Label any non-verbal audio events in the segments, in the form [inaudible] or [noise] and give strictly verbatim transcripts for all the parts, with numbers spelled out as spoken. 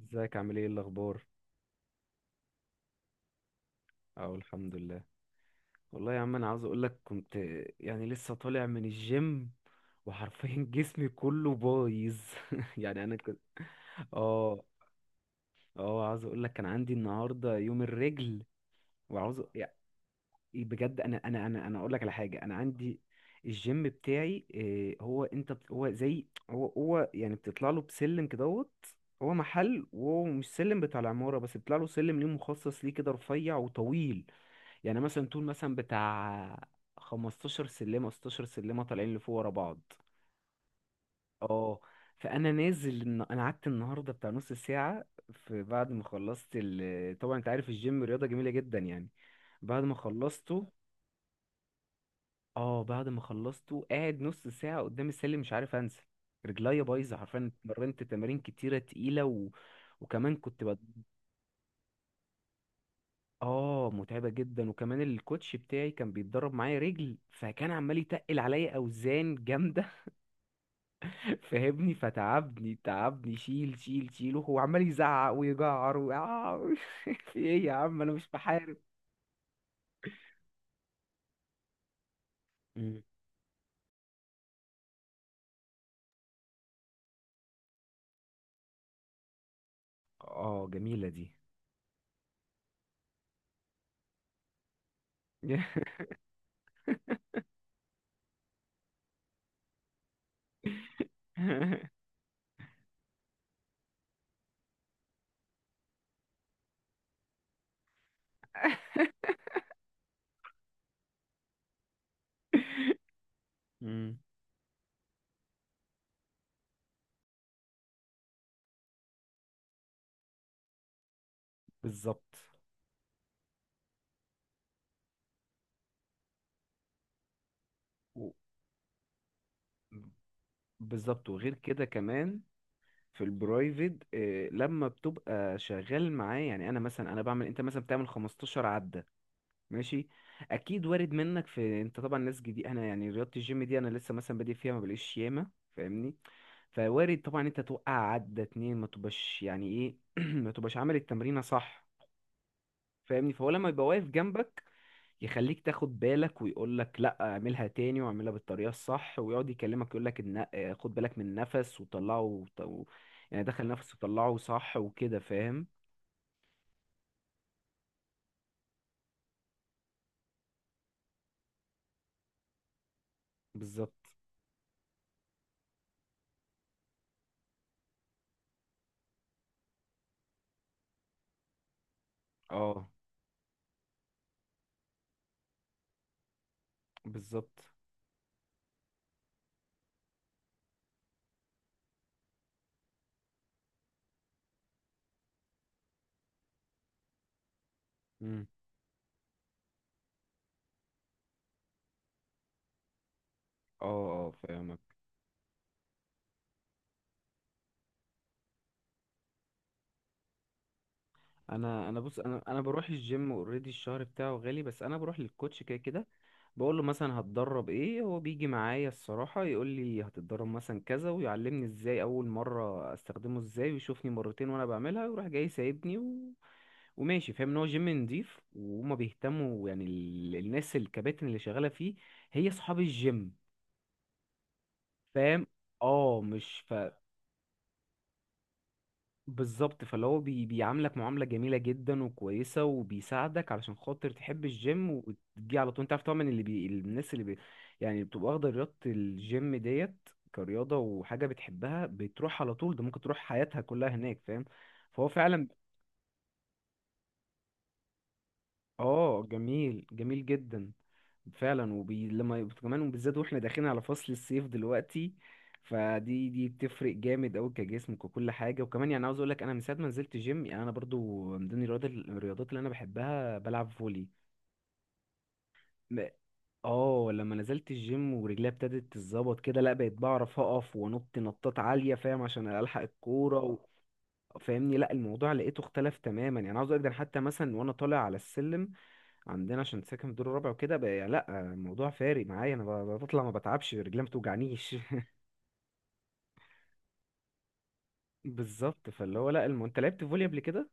ازيك عامل ايه الاخبار؟ اه، الحمد لله. والله يا عم انا عاوز اقول لك كنت، يعني لسه طالع من الجيم وحرفيا [laughs] جسمي كله بايظ. [laughs] يعني انا كنت اه. اه عاوز اقول لك كان عندي النهارده يوم الرجل وعاوز يعني بجد. انا انا انا انا اقول لك على حاجه. انا عندي الجيم بتاعي إيه، هو انت بت- هو زي هو هو يعني بتطلع له بسلم كدهوت. هو محل، وهو مش سلم بتاع العماره بس بيطلع له سلم ليه مخصص ليه، كده رفيع وطويل. يعني مثلا طول مثلا بتاع 15 سلمة 16 سلمة طالعين لفوق ورا بعض. اه. فانا نازل الن- انا قعدت النهارده بتاع نص ساعه في، بعد ما خلصت ال... طبعا انت عارف الجيم رياضه جميله جدا يعني. بعد ما خلصته اه. بعد ما خلصته قاعد نص ساعه قدام السلم مش عارف انزل. رجليا بايظه، حرفيا اتمرنت تمارين كتيره تقيله و... وكمان كنت بد... اه، متعبه جدا. وكمان الكوتش بتاعي كان بيتدرب معايا رجل فكان عمال يتقل عليا اوزان جامده. فاهمني. فتعبني تعبني شيل شيل شيل وهو عمال يزعق ويجعر و... آه، [laughs] في ايه يا عم، انا مش بحارب. مم. اه جميلة دي. [laughs] مم. بالظبط. و- بالظبط. وغير كده كمان في البرايفت آه، لما بتبقى شغال معاه، يعني انا مثلا انا بعمل، انت مثلا بتعمل 15 عدة. ماشي. اكيد وارد منك، في انت طبعا ناس جديد، انا يعني رياضه الجيم دي انا لسه مثلا بادئ فيها، ما بلاقيش ياما. فاهمني. فوارد طبعا انت توقع عدة اتنين ما تبقاش يعني ايه، [clears throat] ما تبقاش عامل التمرينه صح. فاهمني. فهو لما يبقى واقف جنبك يخليك تاخد بالك، ويقول لك لا اعملها تاني واعملها بالطريقه الصح، ويقعد يكلمك يقول لك ان آه، خد بالك من النفس وطلعه وط- و... يعني دخل نفس وطلعه صح وكده فاهم. بالظبط. اه بالظبط. مم. اه اه فاهمك. انا انا بص انا انا بروح الجيم اوريدي، الشهر بتاعه غالي بس انا بروح للكوتش كده كده. بقول له مثلا هتدرب ايه، هو بيجي معايا الصراحة يقول لي هتتدرب مثلا كذا ويعلمني ازاي اول مرة استخدمه ازاي، ويشوفني مرتين وانا بعملها ويروح جاي سايبني و... وماشي. فاهم ان هو جيم نضيف وهما بيهتموا، يعني ال- الناس الكباتن اللي شغالة فيه، هي اصحاب الجيم. فاهم. اه مش ف... بالظبط. فاللي هو بي بيعاملك معاملة جميلة جدا وكويسة وبيساعدك علشان خاطر تحب الجيم وتجي على طول. انت عارف طبعا اللي بي، الناس اللي بي يعني بتبقى واخدة رياضة الجيم ديت كرياضة وحاجة بتحبها بتروح على طول، ده ممكن تروح حياتها كلها هناك فاهم. فهو فعلا. اه جميل جميل جدا. فعلا. وبي... لما يبقى- كمان وبالذات واحنا داخلين على فصل الصيف دلوقتي، فدي دي بتفرق جامد قوي كجسمك وكل حاجه. وكمان يعني عاوز اقول لك انا من ساعه ما نزلت جيم، يعني انا برضو من ضمن الرياضات الرياضات اللي انا بحبها بلعب فولي. م-. اه لما نزلت الجيم ورجليا ابتدت تتظبط كده، لا بقيت بعرف اقف وانط نطات عاليه فاهم عشان الحق الكوره و... فاهمني. لا الموضوع لقيته اختلف تماما. يعني عاوز اقول لك ده أنا حتى مثلا وانا طالع على السلم عندنا عشان ساكن في الدور الرابع وكده بقى، لا الموضوع فارق معايا. انا ب- بطلع ما بتعبش رجلي ما بتوجعنيش. [laughs] بالظبط. فاللي هو لا الم... انت لعبت فولي قبل كده؟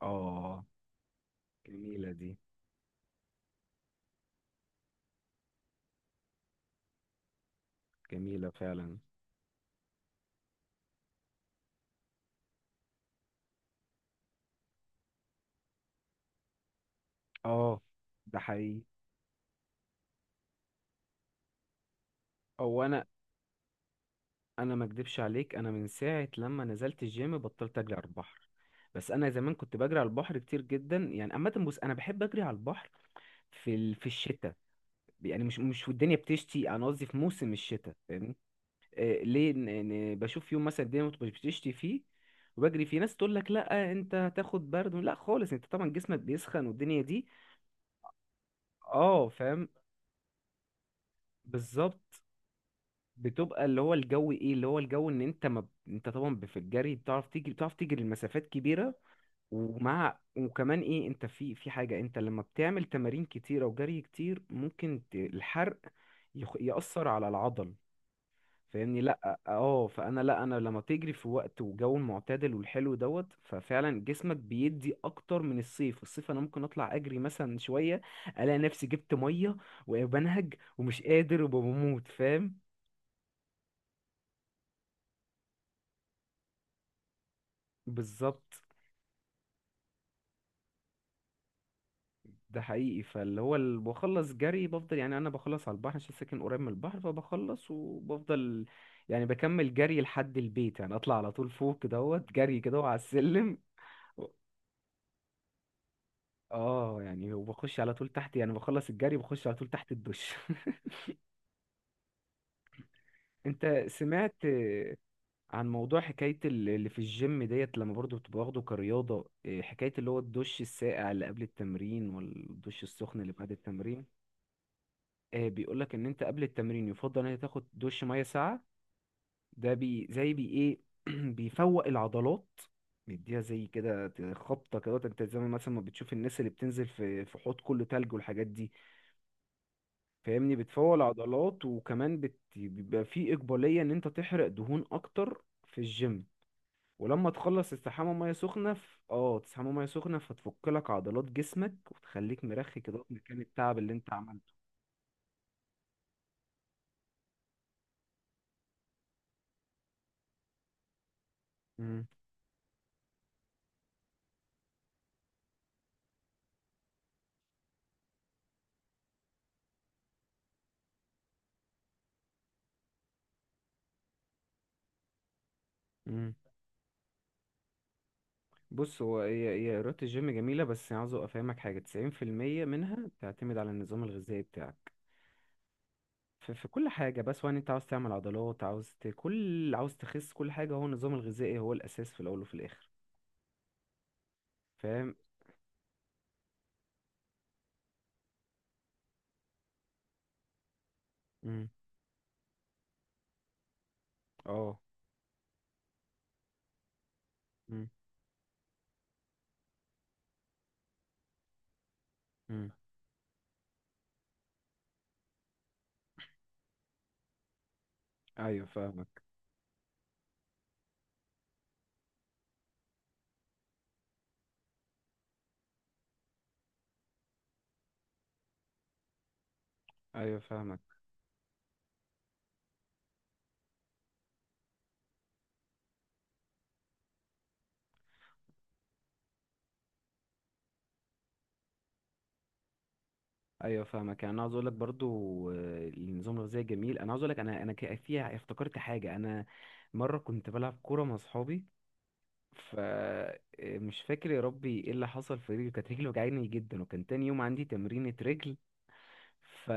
اه. جميله دي. جميله فعلا. اه ده حقيقي. هو انا، انا ما اكدبش عليك، انا من ساعه لما نزلت الجيم بطلت اجري على البحر. بس انا زمان كنت بجري على البحر كتير جدا. يعني عامه بص انا بحب اجري على البحر في ال... في الشتاء. يعني مش مش والدنيا بتشتي، انا قصدي في موسم الشتاء. آه، ليه، ان إن بشوف يوم مثلا الدنيا مت- بتشتي فيه وبجري فيه. ناس تقول لك لا انت هتاخد برد، لا خالص انت طبعا جسمك بيسخن والدنيا دي. اه فاهم. بالظبط. بتبقى اللي هو الجو، ايه اللي هو الجو، ان انت ما ب- انت طبعا ب- في الجري بتعرف تجري، بتعرف تجري المسافات كبيره. ومع، وكمان ايه، انت في في حاجه، انت لما بتعمل تمارين كتيره وجري كتير ممكن ت- الحرق يخ- يأثر على العضل. فاهمني. لا اه. فانا لا انا لما بتجري في وقت وجو معتدل والحلو دوت، ففعلا جسمك بيدي اكتر من الصيف. الصيف انا ممكن اطلع اجري مثلا شويه الاقي نفسي جبت ميه وبنهج ومش قادر وبموت فاهم. بالظبط. ده حقيقي. فاللي هو ال- بخلص جري بفضل، يعني انا بخلص على البحر عشان ساكن قريب من البحر، فبخلص وبفضل يعني بكمل جري لحد البيت، يعني اطلع على طول فوق دوت جري كده وعلى السلم. اه يعني وبخش على طول تحت، يعني بخلص الجري بخش على طول تحت الدش. [laughs] انت سمعت آه، عن موضوع حكاية ال- اللي في الجيم ديت لما برضو بتبقى واخده كرياضة آه، حكاية اللي هو الدش الساقع اللي قبل التمرين، والدش السخن اللي بعد التمرين؟ آه، بيقولك ان انت قبل التمرين يفضل ان انت تاخد دش مية ساقعة. ده بي زي بي ايه، [clears throat] بيفوق العضلات، بيديها زي كده خبطة كده، انت زي ما مثلا ما بتشوف الناس اللي بتنزل في في حوض كله تلج والحاجات دي. فاهمني. بتفول عضلات، وكمان بت... بيبقى في إقبالية إن أنت تحرق دهون أكتر في الجيم. ولما تخلص تستحمى مية سخنة ف... اه تستحمى مية سخنة فتفك لك عضلات جسمك وتخليك مرخي كده في مكان التعب اللي أنت عملته. مم. مم. بص هو هي هي رياضة الجيم جميلة، بس عاوز أفهمك حاجة. تسعين في المية منها بتعتمد على النظام الغذائي بتاعك في، في كل حاجة. بس سواء أنت عاوز تعمل عضلات، عاوز ت... كل، عاوز تخس، كل حاجة هو النظام الغذائي هو الأساس في الأول وفي الآخر. فاهم. مم. اه مم. مم. ايوه فاهمك. ايوه فاهمك. ايوه فاهمك. يعني انا عاوز اقول لك برضو آه، النظام الغذائي جميل. انا عاوز اقول لك انا انا ك- فيها افتكرت حاجه. انا مره كنت بلعب كوره مع اصحابي فمش فاكر يا ربي ايه اللي حصل في رجلي، كانت رجلي وجعاني جدا وكان تاني يوم عندي تمرينة رجل. ف.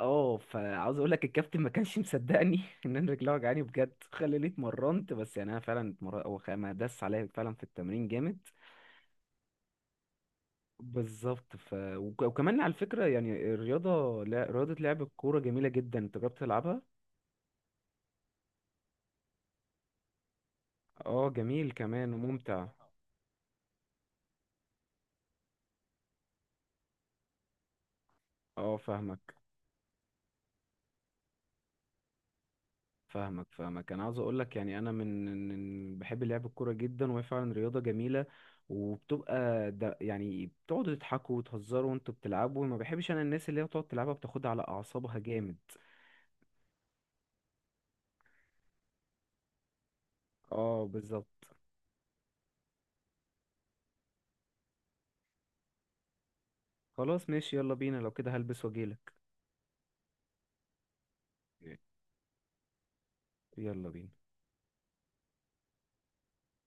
اه، فعاوز اقول لك الكابتن ما كانش مصدقني [laughs] ان انا رجلي وجعاني بجد، خلاني اتمرنت. بس يعني انا فعلا اتمرنت. هو خ- ما داس عليا فعلا في التمرين جامد. بالظبط. ف... وك- وكمان على فكرة، يعني الرياضة لا، رياضة لعب الكورة جميلة جدا، انت جربت تلعبها؟ اه جميل كمان وممتع. اه فاهمك فاهمك فاهمك. انا عاوز اقول لك يعني انا من من- بحب لعب الكورة جدا وهي فعلا رياضة جميلة. وبتبقى ده يعني بتقعدوا تضحكوا وتهزروا وانتوا بتلعبوا، ما بحبش انا الناس اللي هي بتقعد تلعبها بتاخدها على اعصابها جامد. اه بالظبط. خلاص ماشي يلا بينا لو كده، هلبس واجيلك. يلا بينا.